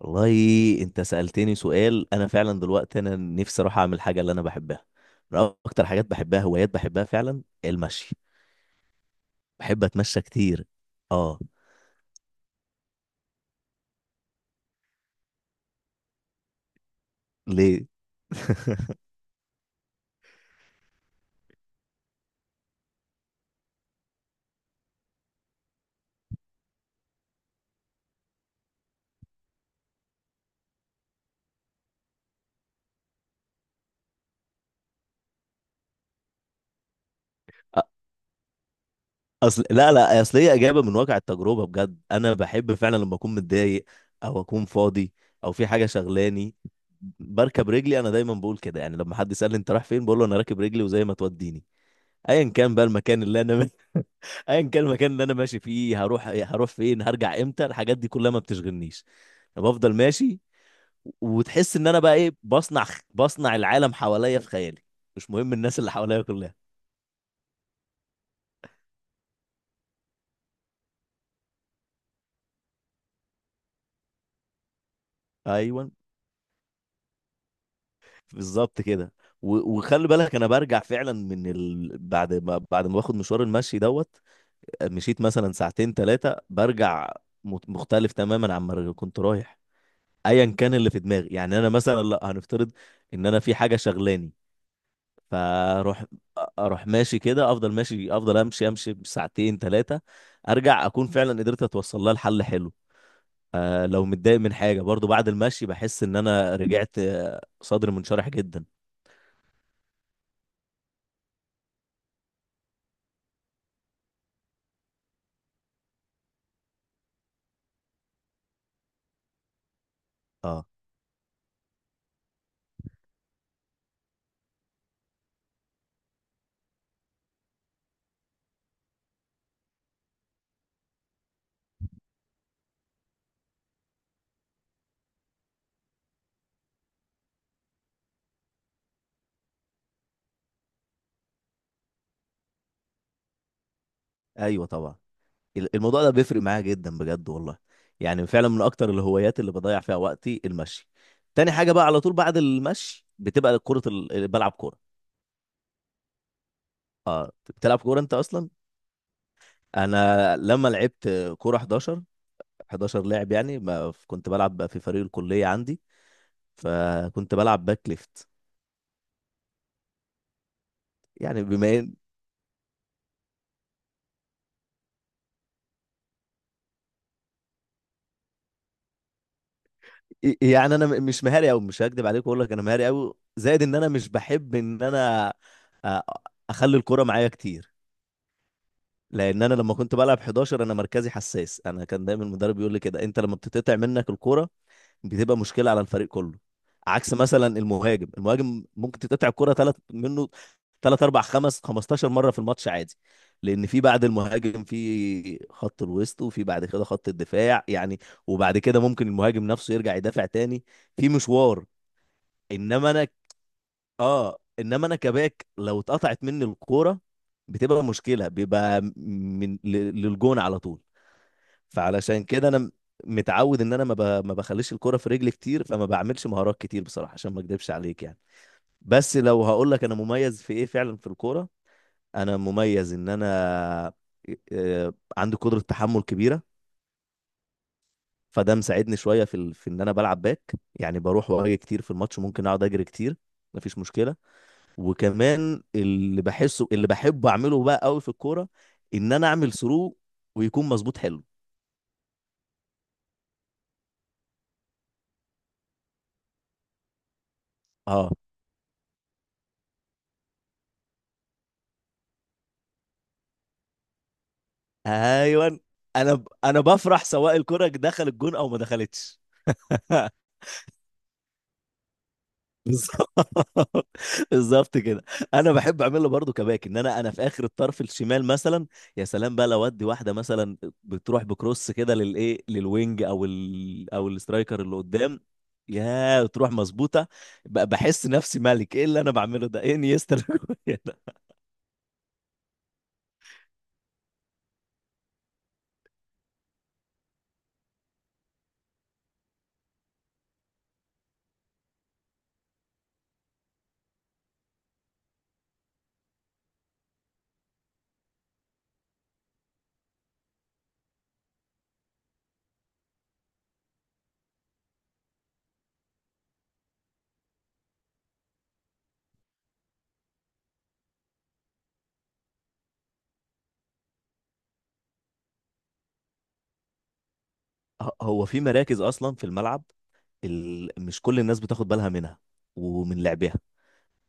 والله انت سألتني سؤال. انا فعلا دلوقتي انا نفسي اروح اعمل حاجة اللي انا بحبها. انا اكتر حاجات بحبها، هوايات بحبها فعلا، المشي. بحب اتمشى كتير. اه. ليه؟ أ- اصل لا لا اصل هي اجابة من واقع التجربة بجد. انا بحب فعلا لما اكون متضايق او اكون فاضي او في حاجة شغلاني بركب رجلي. انا دايما بقول كده، يعني لما حد يسألني انت رايح فين بقول له انا راكب رجلي وزي ما توديني. ايا كان بقى المكان اللي انا ايا كان المكان اللي انا ماشي فيه، هروح فين، هرجع امتى، الحاجات دي كلها ما بتشغلنيش. أنا بفضل ماشي وتحس ان انا بقى ايه، بصنع العالم حواليا في خيالي. مش مهم الناس اللي حواليا كلها. ايوه، بالظبط كده. وخلي بالك انا برجع فعلا بعد ما باخد مشوار المشي دوت. مشيت مثلا ساعتين ثلاثه، برجع مختلف تماما عما كنت رايح. ايا كان اللي في دماغي. يعني انا مثلا، لا هنفترض ان انا في حاجه شغلاني، فاروح اروح ماشي كده، افضل ماشي، افضل امشي ساعتين ثلاثه، ارجع اكون فعلا قدرت اتوصل لحل حلو. لو متضايق من حاجه برضو بعد المشي بحس ان انا رجعت، صدري منشرح جدا. اه، ايوه طبعا. الموضوع ده بيفرق معايا جدا بجد والله. يعني فعلا من اكتر الهوايات اللي بضيع فيها وقتي المشي. تاني حاجه بقى على طول بعد المشي بتبقى بلعب كوره. بتلعب كوره انت اصلا؟ انا لما لعبت كوره 11، 11 لاعب. يعني ما ف- كنت بلعب بقى في فريق الكلية عندي، فكنت بلعب باك ليفت. يعني بما ان يعني انا مش مهاري قوي. مش هكدب عليك واقول لك انا مهاري قوي، زائد ان انا مش بحب ان انا أ- اخلي الكرة معايا كتير. لان انا لما كنت بلعب 11 انا مركزي حساس. انا كان دايما المدرب يقول لي كده، انت لما بتتقطع منك الكرة بتبقى مشكله على الفريق كله. عكس مثلا المهاجم ممكن تتقطع الكره ثلاث، اربع، خمس، 15 مره في الماتش عادي. لان في بعد المهاجم في خط الوسط، وفي بعد كده خط الدفاع، يعني، وبعد كده ممكن المهاجم نفسه يرجع يدافع تاني. في مشوار. انما انا، اه انما انا كباك، لو اتقطعت مني الكوره بتبقى مشكله، بيبقى للجون على طول. فعلشان كده انا متعود ان انا ما بخليش الكرة في رجلي كتير، فما بعملش مهارات كتير بصراحة، عشان ما اكدبش عليك يعني. بس لو هقول لك انا مميز في ايه فعلا في الكورة، انا مميز ان انا عندي قدرة تحمل كبيرة. فده مساعدني شوية في ان انا بلعب باك. يعني بروح واجي كتير في الماتش، ممكن اقعد اجري كتير، مفيش مشكلة. وكمان اللي بحسه، اللي بحب اعمله بقى قوي في الكورة، ان انا اعمل ثرو ويكون مظبوط حلو. اه، ايوه. انا بفرح سواء الكرة دخل الجون او ما دخلتش. بالظبط. بالظبط كده. انا بحب اعملها برضو كباك، ان انا، انا في اخر الطرف الشمال مثلا. يا سلام بقى لو ادي واحده مثلا بتروح بكروس كده للايه، للوينج او الاسترايكر اللي قدام، يا تروح مظبوطه. بحس نفسي ملك. ايه اللي انا بعمله ده، ايه، انيستا ده. هو في مراكز اصلا في الملعب مش كل الناس بتاخد بالها منها ومن لعبها.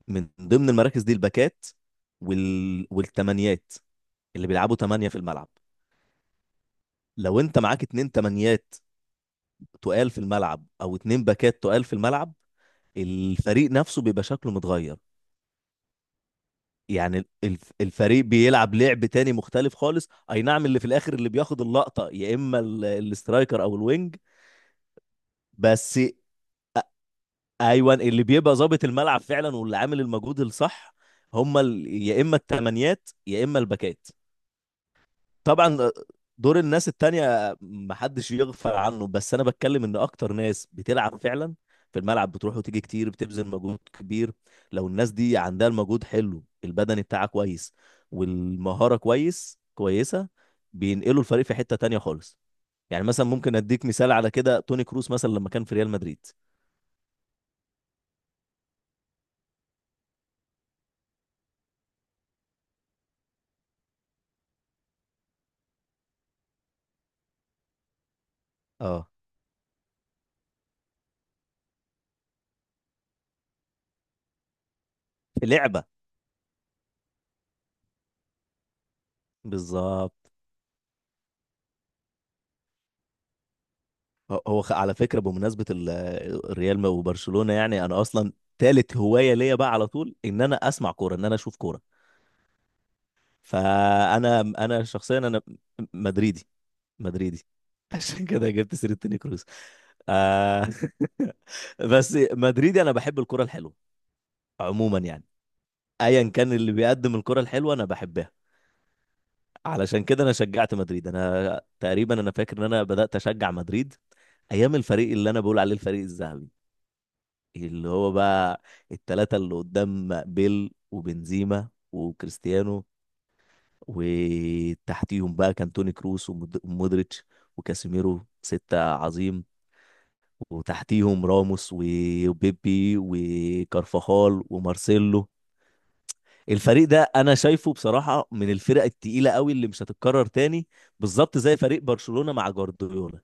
من ضمن المراكز دي الباكات، والتمانيات اللي بيلعبوا تمانية في الملعب. لو انت معاك اتنين تمانيات تقال في الملعب، او اتنين باكات تقال في الملعب، الفريق نفسه بيبقى شكله متغير. يعني الفريق بيلعب لعب تاني مختلف خالص، اي نعم، اللي في الاخر اللي بياخد اللقطة يا اما الاسترايكر او الوينج، بس ايوه اللي بيبقى ظابط الملعب فعلا واللي عامل المجهود الصح هما يا اما التمانيات يا اما الباكات. طبعا دور الناس التانية محدش يغفل عنه، بس انا بتكلم ان اكتر ناس بتلعب فعلا في الملعب بتروح وتيجي كتير، بتبذل مجهود كبير. لو الناس دي عندها المجهود حلو، البدني بتاعها كويس والمهارة كويس كويسة، بينقلوا الفريق في حتة تانية خالص. يعني مثلا ممكن اديك مثال على كده، توني كروس مثلا لما كان في ريال مدريد. اه، في لعبة. بالظبط. على فكرة، بمناسبة الريال وبرشلونة، يعني أنا أصلا تالت هواية ليا بقى على طول إن أنا أسمع كورة، إن أنا أشوف كورة. فأنا شخصيا أنا مدريدي. مدريدي. عشان كده جبت سيرة توني كروس. آه. بس مدريدي، أنا بحب الكورة الحلوة عموما يعني. أيا كان اللي بيقدم الكورة الحلوة أنا بحبها. علشان كده أنا شجعت مدريد. أنا تقريبا، أنا فاكر إن أنا بدأت أشجع مدريد أيام الفريق اللي أنا بقول عليه الفريق الذهبي، اللي هو بقى التلاتة اللي قدام، بيل وبنزيما وكريستيانو، وتحتيهم بقى كان توني كروس ومودريتش وكاسيميرو، ستة عظيم. وتحتيهم راموس وبيبي وكارفاخال ومارسيلو. الفريق ده انا شايفه بصراحة من الفرق التقيلة قوي اللي مش هتتكرر تاني، بالظبط زي فريق برشلونة مع جوارديولا.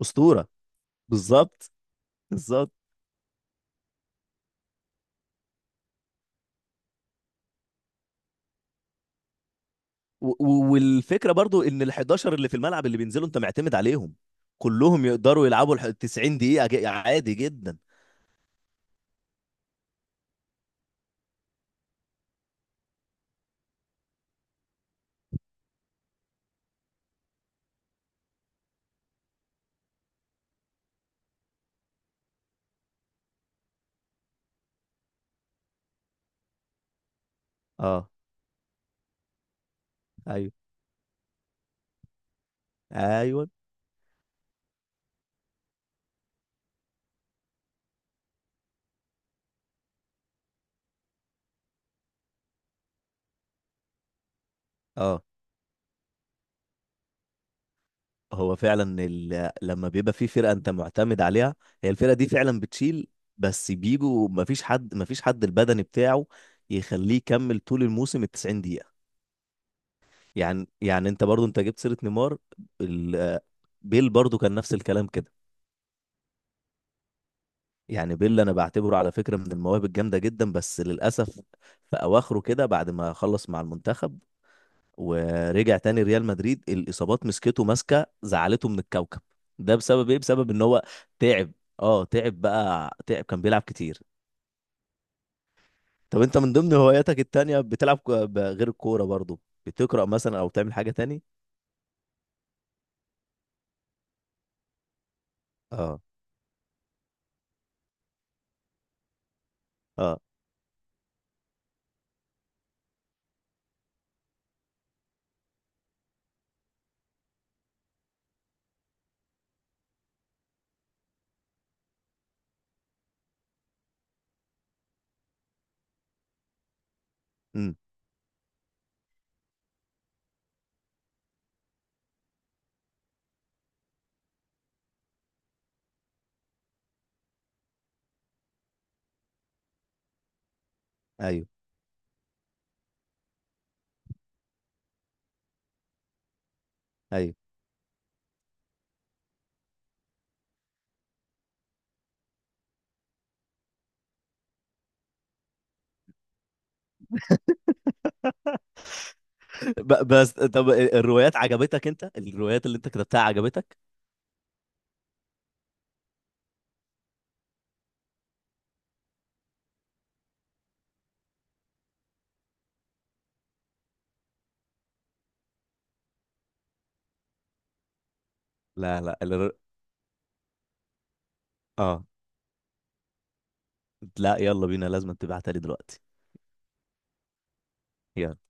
أسطورة. بالظبط. بالظبط. والفكره برضو ان ال 11 اللي في الملعب اللي بينزلوا انت معتمد عليهم، كلهم يقدروا يلعبوا ال 90 دقيقه عادي جدا. اه، ايوه، ايوه. اه، هو فعلا لما بيبقى في فرقه انت معتمد عليها، هي الفرقه دي فعلا بتشيل. بس بيجوا مفيش حد البدني بتاعه يخليه يكمل طول الموسم ال 90 دقيقه. يعني انت برضو انت جبت سيره نيمار. ال... بيل برضو كان نفس الكلام كده. يعني بيل انا بعتبره على فكره من المواهب الجامده جدا، بس للاسف في اواخره كده بعد ما خلص مع المنتخب ورجع تاني ريال مدريد الاصابات مسكته، ماسكه زعلته من الكوكب ده، بسبب ايه؟ بسبب ان هو تعب. اه، تعب بقى، تعب كان بيلعب كتير. طب انت من ضمن هواياتك التانية بتلعب غير الكوره برضو؟ بتقرا مثلا او تعمل حاجه تاني؟ اه. اه. امم. ايوه. ايوه. بس طب الروايات عجبتك؟ انت الروايات اللي انت كتبتها عجبتك؟ لا، لا. اه، لا، يلا بينا، لازم تبعتها لي دلوقتي. يلا.